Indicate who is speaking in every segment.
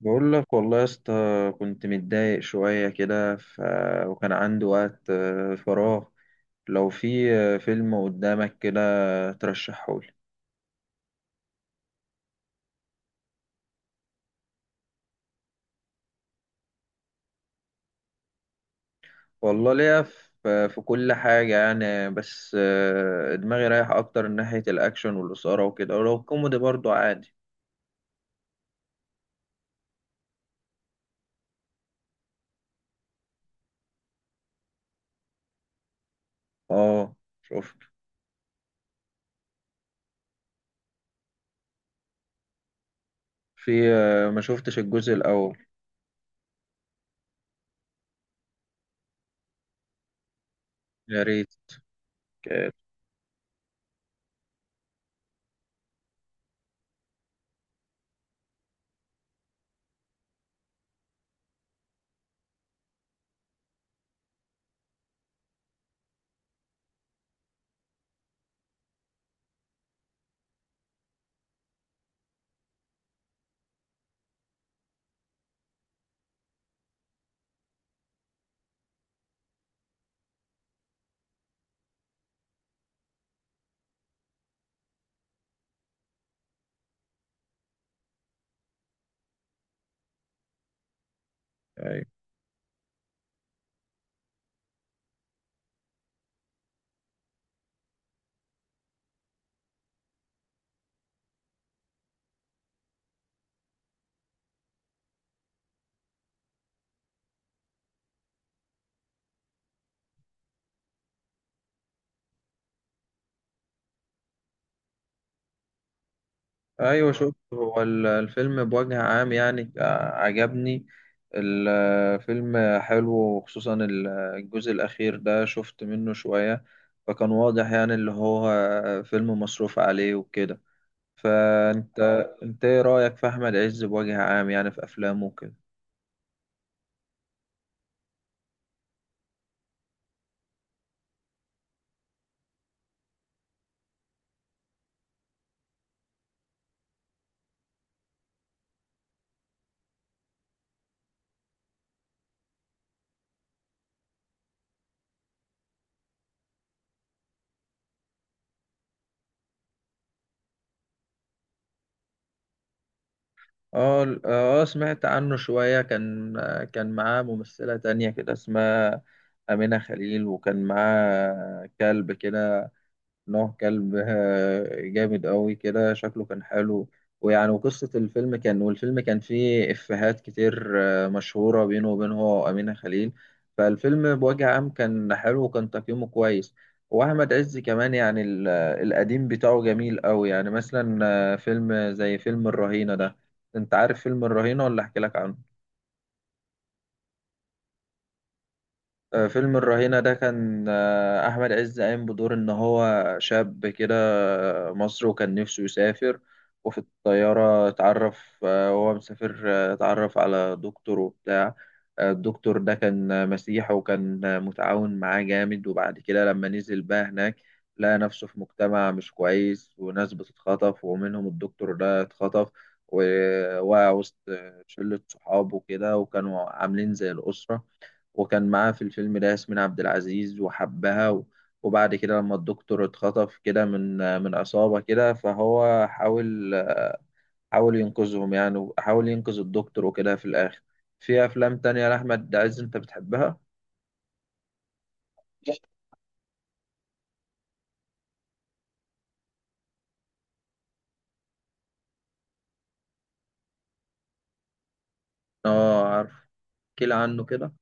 Speaker 1: بقول لك والله يا اسطى. كنت متضايق شوية كده وكان عندي وقت فراغ. لو في فيلم قدامك كده ترشحهولي. والله ليا في كل حاجة يعني، بس دماغي رايح أكتر ناحية الأكشن والإثارة وكده، ولو كوميدي برضو عادي. اه، شفت. في ما شفتش الجزء الأول. يا ريت. ايوه، شوف، هو الفيلم بوجه عام يعني عجبني. الفيلم حلو، وخصوصا الجزء الاخير ده شفت منه شوية. فكان واضح يعني اللي هو فيلم مصروف عليه وكده. فانت انت ايه رايك في احمد عز بوجه عام يعني في افلامه وكده؟ اه، سمعت عنه شوية. كان معاه ممثلة تانية كده اسمها أمينة خليل، وكان معاه كلب كده. نوع كلب جامد قوي كده، شكله كان حلو. ويعني، وقصة الفيلم كان، والفيلم كان فيه إفيهات كتير مشهورة بينه وبين هو وأمينة خليل. فالفيلم بوجه عام كان حلو، وكان تقييمه كويس. وأحمد عز كمان يعني القديم بتاعه جميل قوي. يعني مثلا فيلم زي فيلم الرهينة ده. أنت عارف فيلم الرهينة ولا أحكي لك عنه؟ فيلم الرهينة ده كان أحمد عز قايم بدور إن هو شاب كده. مصري، وكان نفسه يسافر. وفي الطيارة اتعرف وهو مسافر اتعرف على دكتور وبتاع. الدكتور ده كان مسيحي، وكان متعاون معاه جامد. وبعد كده لما نزل بقى هناك لقى نفسه في مجتمع مش كويس، وناس بتتخطف، ومنهم الدكتور ده اتخطف. ووقع وسط شلة صحابه كده، وكانوا عاملين زي الأسرة. وكان معاه في الفيلم ده ياسمين عبد العزيز وحبها، وبعد كده لما الدكتور اتخطف كده من عصابة كده، فهو حاول ينقذهم يعني، وحاول ينقذ الدكتور وكده في الآخر. في أفلام تانية لأحمد عز أنت بتحبها؟ آه، عارف. احكي لي عنه كده.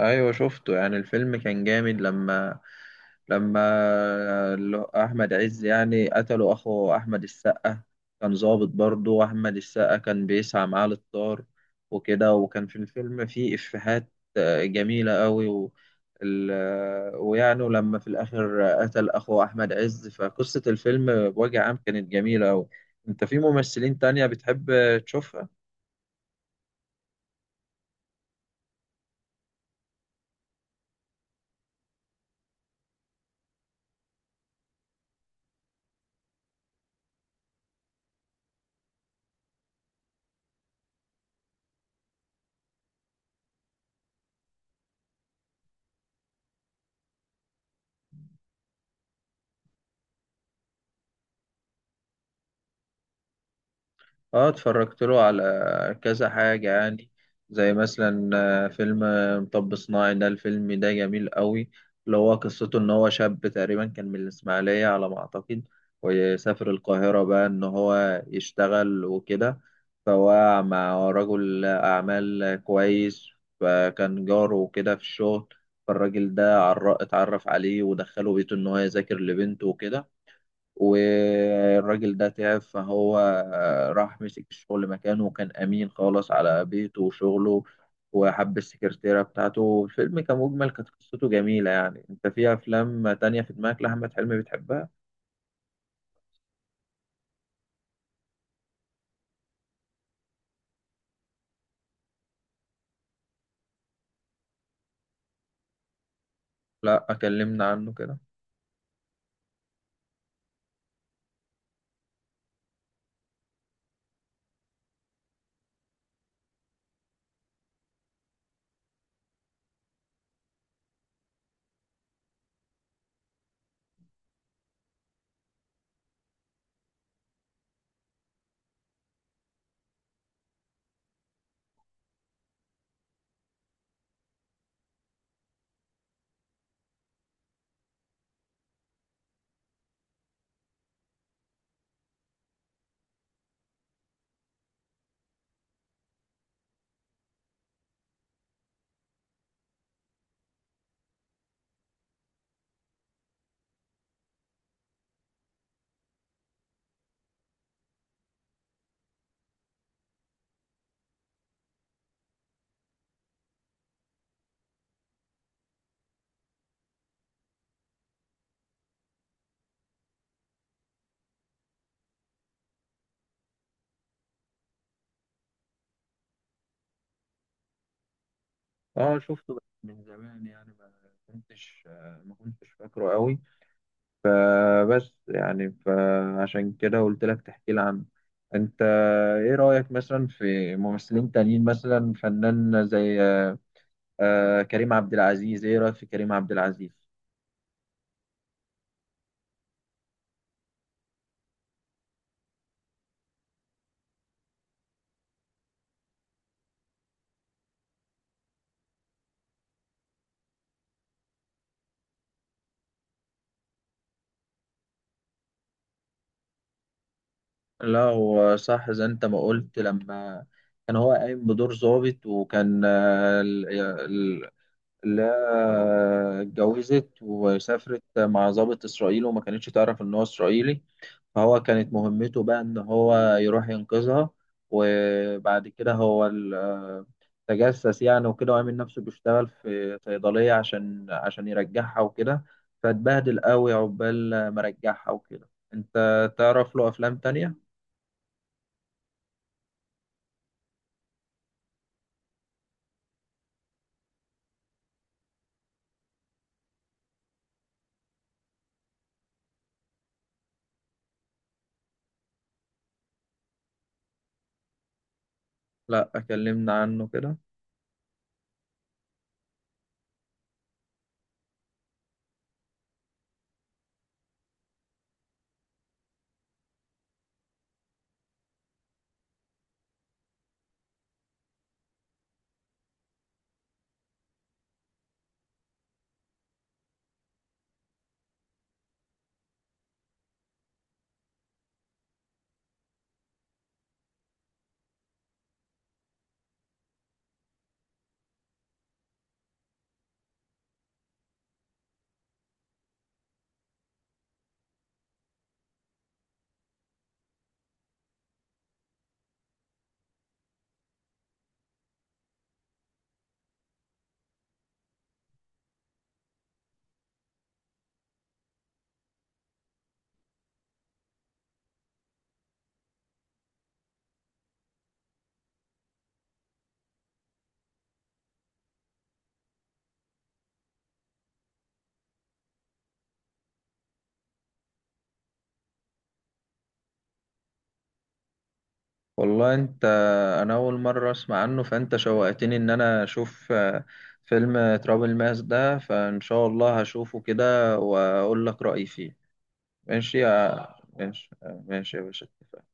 Speaker 1: ايوه، شفته يعني. الفيلم كان جامد لما احمد عز يعني قتلوا اخو احمد السقا. كان ظابط برضه، واحمد السقا كان بيسعى معاه للطار وكده. وكان في الفيلم فيه افيهات جميله قوي. و ال- آه، ويعني لما في الاخر قتل اخو احمد عز، فقصه الفيلم بوجه عام كانت جميله قوي. انت في ممثلين تانية بتحب تشوفها؟ اه، اتفرجت له على كذا حاجة يعني. زي مثلا فيلم مطب صناعي ده، الفيلم ده جميل قوي. اللي هو قصته ان هو شاب تقريبا كان من الاسماعيلية على ما اعتقد، ويسافر القاهرة بقى ان هو يشتغل وكده. فهو مع رجل اعمال كويس، فكان جاره وكده في الشغل. فالراجل ده اتعرف عليه ودخله بيته ان هو يذاكر لبنته وكده. والراجل ده تعب، فهو راح مسك الشغل مكانه، وكان أمين خالص على بيته وشغله، وحب السكرتيرة بتاعته. الفيلم كمجمل كانت قصته جميلة يعني. أنت في أفلام تانية في دماغك لأحمد حلمي بتحبها؟ لا، أكلمنا عنه كده. اه، شفته بس من زمان يعني، كنتش ما كنتش فاكره قوي. فبس يعني فعشان كده قلت لك تحكي لي عنه. انت ايه رأيك مثلا في ممثلين تانيين، مثلا فنان زي آه كريم عبد العزيز؟ ايه رايك في كريم عبد العزيز؟ لا، هو صح زي انت ما قلت. لما كان هو قايم بدور ضابط، وكان لا، اتجوزت وسافرت مع ضابط إسرائيلي، وما كانتش تعرف إن هو إسرائيلي. فهو كانت مهمته بقى إن هو يروح ينقذها. وبعد كده هو تجسس يعني وكده، وعامل نفسه بيشتغل في صيدلية عشان يرجعها وكده. فاتبهدل قوي عقبال ما رجعها وكده. أنت تعرف له أفلام تانية؟ لأ، كلمنا عنه كده. والله انت، انا اول مره اسمع عنه. فانت شوقتني ان انا اشوف فيلم تراب الماس ده، فان شاء الله هشوفه كده واقول لك رايي فيه. ماشي يا ماشي ماشي يا باشا، اتفقنا.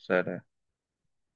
Speaker 1: سلام.